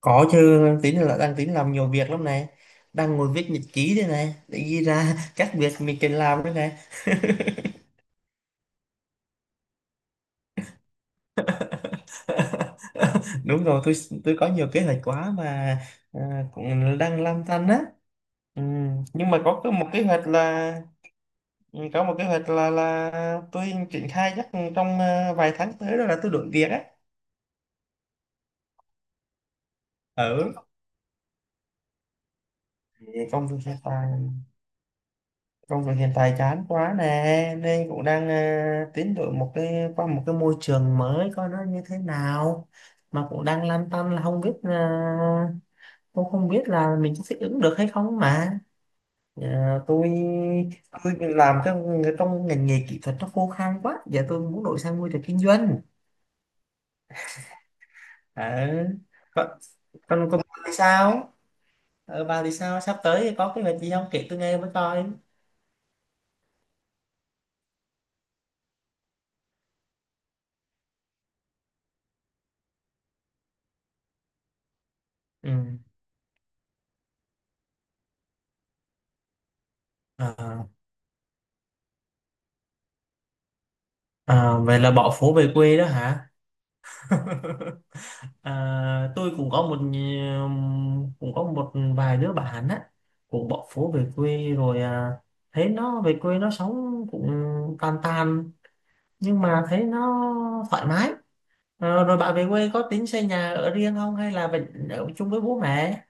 Có chứ, tính là đang tính làm nhiều việc lắm này. Đang ngồi viết nhật ký đây này, để ghi ra các việc mình cần làm đây này. Đúng rồi, tôi có nhiều kế hoạch quá mà cũng đang lăn tăn á. Ừ. Nhưng mà một kế hoạch là ừ, có một kế hoạch là tôi triển khai chắc trong vài tháng tới đó là tôi đổi việc á. Ở công việc hiện tại. Công việc hiện tại chán quá nè nên cũng đang tiến đổi một cái qua một cái môi trường mới coi nó như thế nào, mà cũng đang lăn tăn là không biết cũng không biết là mình có thích ứng được hay không mà. Ờ, tôi tôi làm cái, trong ngành nghề kỹ thuật nó khô khan quá giờ tôi muốn đổi sang môi trường kinh doanh. à, còn còn còn bà thì sao, bà thì sao sắp tới thì có cái việc gì không kể tôi nghe với coi? Ừ. À, Vậy là bỏ phố về quê đó hả? Tôi cũng có cũng có một vài đứa bạn á cũng bỏ phố về quê rồi, thấy nó về quê nó sống cũng tàn tàn nhưng mà thấy nó thoải mái. Ờ, rồi bạn về quê có tính xây nhà ở riêng không hay là vẫn ở chung với bố mẹ?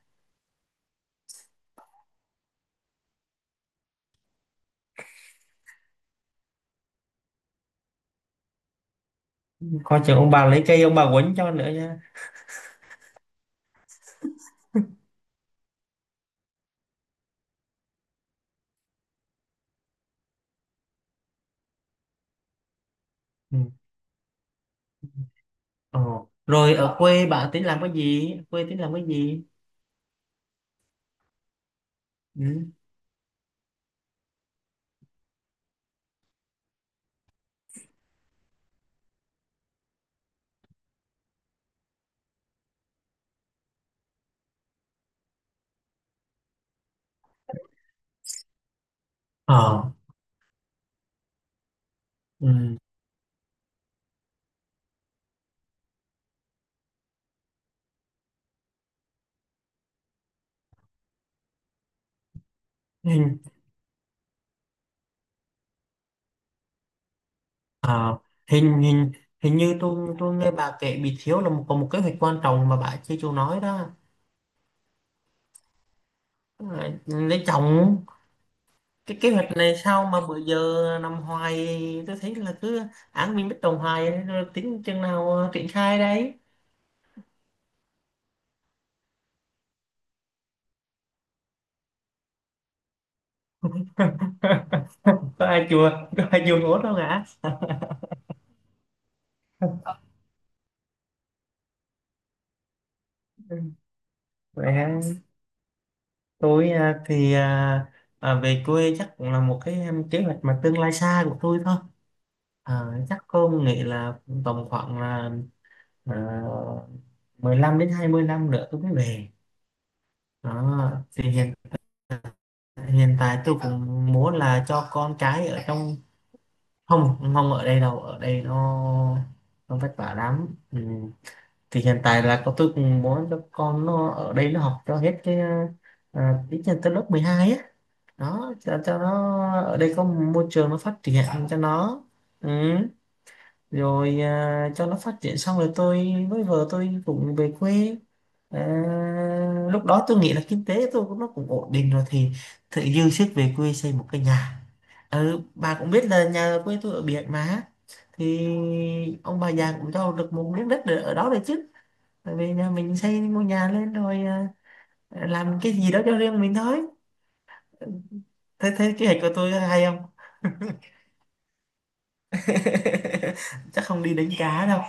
Coi chừng ông bà lấy cây ông bà quấn cho nữa nha. Ừ. Ờ. Rồi ở quê bạn tính làm cái gì, quê tính làm cái gì? Ừ. Ờ. Ừ. À, hình hình hình như tôi nghe bà kể bị thiếu là có một kế hoạch quan trọng mà bà chưa chịu nói đó. Lấy chồng. Cái kế hoạch này sao mà bữa giờ nằm hoài, tôi thấy là cứ án mình bất đồng hoài rồi tính chừng nào triển khai đấy? có ai chùa có ai chùa ngốt đâu hả? Ừ. Vậy hả? Tôi thì về quê chắc cũng là một kế hoạch mà tương lai xa của tôi thôi. Chắc không nghĩ là tầm khoảng là Ờ, 15 đến 20 năm nữa tôi mới về. Đó thì hiện hiện tại tôi cũng muốn là cho con cái ở trong. Không, không ở đây đâu, ở đây nó vất vả lắm. Ừ. Thì hiện tại là con tôi cũng muốn cho con nó ở đây nó học cho hết cái ờ, ít nhất tới lớp 12 á. Đó, cho nó ở đây có môi trường nó phát triển cho nó. Ừ. Rồi cho nó phát triển xong rồi tôi với vợ tôi cũng về quê. À, lúc đó tôi nghĩ là kinh tế tôi cũng nó cũng ổn định rồi thì tự dư sức về quê xây một cái nhà. Ừ, bà cũng biết là nhà ở quê tôi ở biển mà. Thì ông bà già cũng cho được một miếng đất ở ở đó rồi chứ. Tại vì nhà mình xây ngôi nhà lên rồi, làm cái gì đó cho riêng mình thôi. Thế thế kế hoạch của tôi hay không? Chắc không đi đánh cá đâu.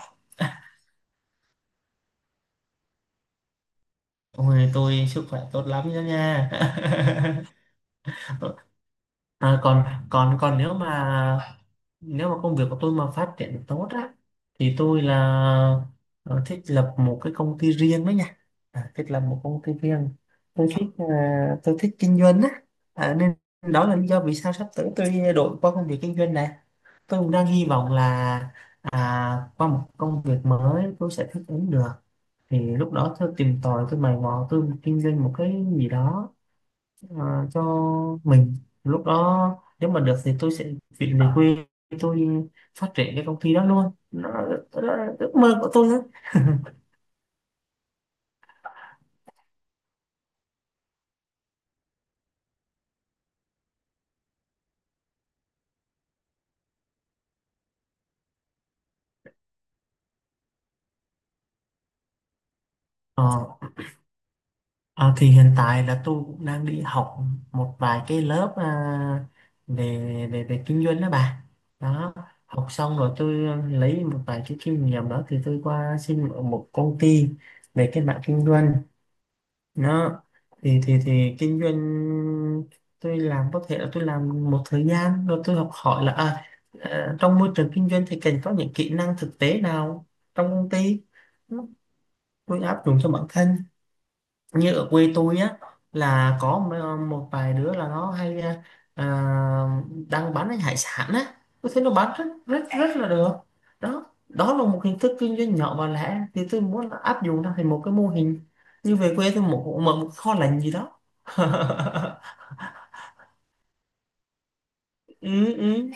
Ôi tôi sức khỏe tốt lắm đó nha. À, còn còn còn nếu mà công việc của tôi mà phát triển tốt á thì tôi là ờ, thích lập một cái công ty riêng đó nha. Thích lập một công ty riêng. Tôi thích ờ, tôi thích kinh doanh á. Nên đó là lý do vì sao sắp tới tôi đổi qua công việc kinh doanh này. Tôi cũng đang hy vọng là qua một công việc mới tôi sẽ thích ứng được. Thì lúc đó tôi tìm tòi, tôi mày mò, tôi kinh doanh một cái gì đó cho mình. Lúc đó nếu mà được thì tôi sẽ chuyển về quê, tôi phát triển cái công ty đó luôn, nó là đó là ước mơ của tôi đó. Ờ, thì hiện tại là tôi cũng đang đi học một vài cái lớp về về về kinh doanh đó bà. Đó, học xong rồi tôi lấy một vài cái kinh nghiệm đó thì tôi qua xin ở một công ty về cái mạng kinh doanh. Nó thì kinh doanh tôi làm có thể là tôi làm một thời gian rồi tôi học hỏi là trong môi trường kinh doanh thì cần có những kỹ năng thực tế nào trong công ty. Nó- tôi áp dụng cho bản thân. Như ở quê tôi á là có một một vài đứa là nó hay, à, đang bán cái hải sản á. Tôi thấy nó bán rất rất rất là được. Đó, đó là một hình thức kinh doanh nhỏ và lẻ thì tôi muốn áp dụng nó thành một cái mô hình. Như về quê tôi một mở một kho lạnh gì đó. Ừ, ừ.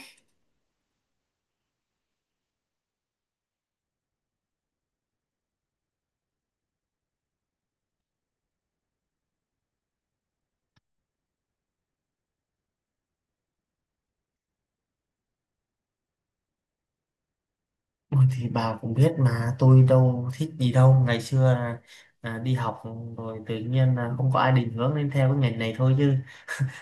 Ôi, thì bà cũng biết mà tôi đâu thích gì đâu, ngày xưa là, đi học rồi tự nhiên là không có ai định hướng nên theo cái ngành này thôi chứ.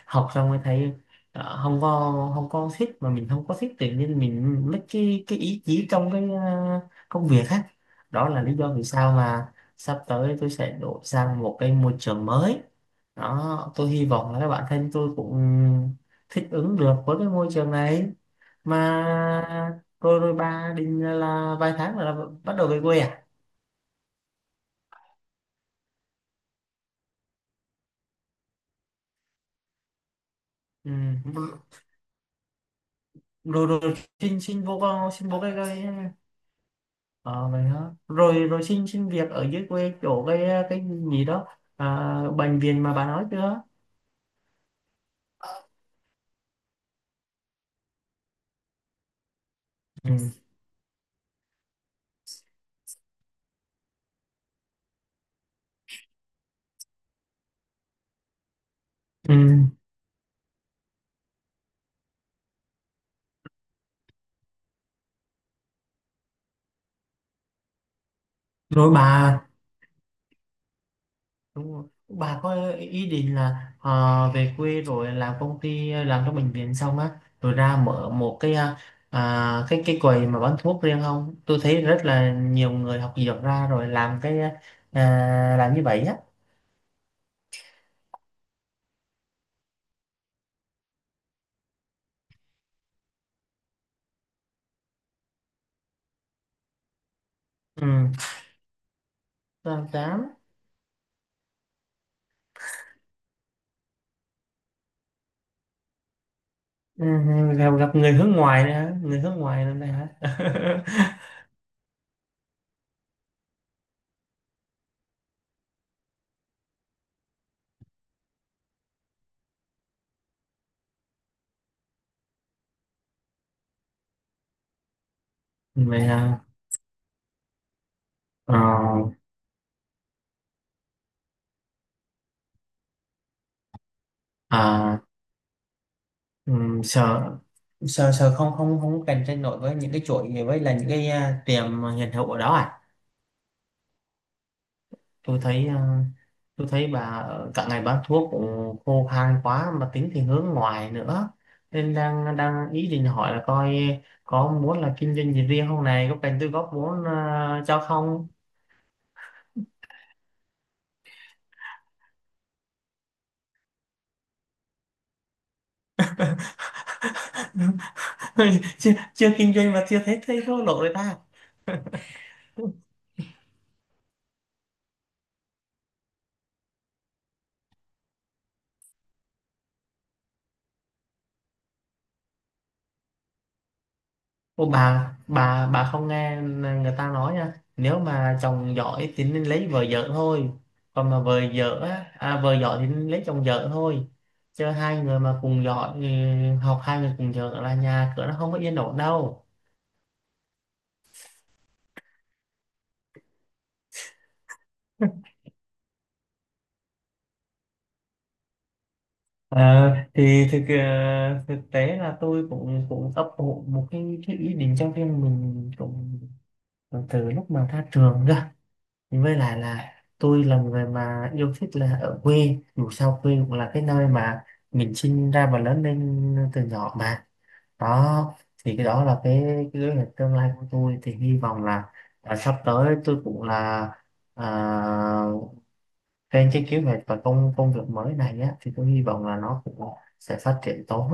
Học xong mới thấy không có thích, mà mình không có thích tự nhiên mình mất cái ý chí trong cái công việc á. Đó là lý do vì sao mà sắp tới tôi sẽ đổi sang một cái môi trường mới. Đó tôi hy vọng là các bạn thân tôi cũng thích ứng được với cái môi trường này mà. Rồi rồi bà định là vài tháng là bắt đầu về quê à? Ừ. rồi rồi xin xin vô, con xin vô cái, cái. Ờ vậy hả? Rồi rồi xin xin việc ở dưới quê chỗ cái gì đó, bệnh viện mà bà nói chưa? Ừ. Ừ. Rồi bà đúng rồi. Bà có ý định là về quê rồi làm công ty làm trong bệnh viện xong á rồi ra mở một cái cái quầy mà bán thuốc riêng không? Tôi thấy rất là nhiều người học dược ra rồi làm cái, làm như vậy á. Ừ. Làm tám. Ừ, gặp gặp người hướng ngoài nữa hả? Người hướng ngoài nữa này hả? Vậy là ờ, à, sợ sợ sợ không không không cạnh tranh nổi với những cái chuỗi với là những cái, tiệm hiện hữu ở đó à. Tôi thấy à, tôi thấy cả ngày bán thuốc cũng khô khan quá mà tính thì hướng ngoại nữa, nên đang đang ý định hỏi là coi có muốn là kinh doanh gì riêng không này, có cần tôi góp vốn cho không? Chưa, chưa kinh doanh mà chưa thấy thấy thua lỗ rồi ta. Ô, bà không nghe người ta nói nha, nếu mà chồng giỏi thì nên lấy vợ vợ thôi, còn mà vợ vợ á vợ giỏi thì nên lấy chồng vợ thôi, chứ hai người mà cùng giỏi học hai người cùng vợ là nhà cửa nó không có yên ổn đâu. Ờ, thì thực tế là tôi cũng cũng ấp ủ một cái ý định cho riêng mình cũng từ lúc mà ra trường cơ. Với lại là tôi là một người mà yêu thích là ở quê, dù sao quê cũng là cái nơi mà mình sinh ra và lớn lên từ nhỏ mà. Đó thì cái đó là cái kế hoạch tương lai của tôi thì hy vọng là sắp tới tôi cũng là à, trên cái kế hoạch và công công việc mới này á, thì tôi hy vọng là nó cũng sẽ phát triển tốt.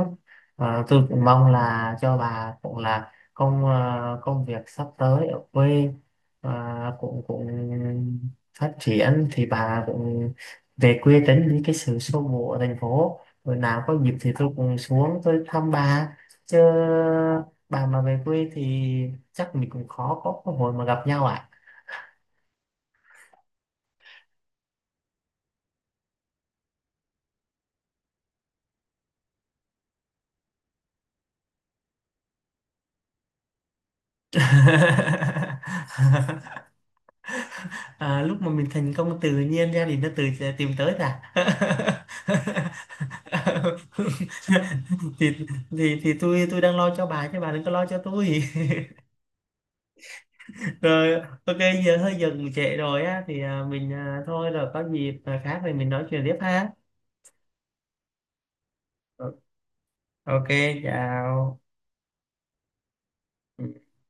Ờ, tôi cũng mong là cho bà cũng là công việc sắp tới ở quê ờ, cũng cũng phát triển thì bà cũng về quê tránh đi cái sự xô bồ ở thành phố. Rồi nào có dịp thì tôi cũng xuống tôi thăm bà. Chứ bà mà về quê thì chắc mình cũng khó có cơ hội mà gặp nhau ạ. À, lúc mà mình thành công tự nhiên ra thì nó tự sẽ tìm tới à. thì, thì tôi đang lo cho bà chứ bà đừng có lo cho tôi. Rồi ok, giờ cũng trễ rồi á thì mình thôi rồi có dịp khác thì mình nói chuyện tiếp ha. Ờ, ok, chào. Ừ.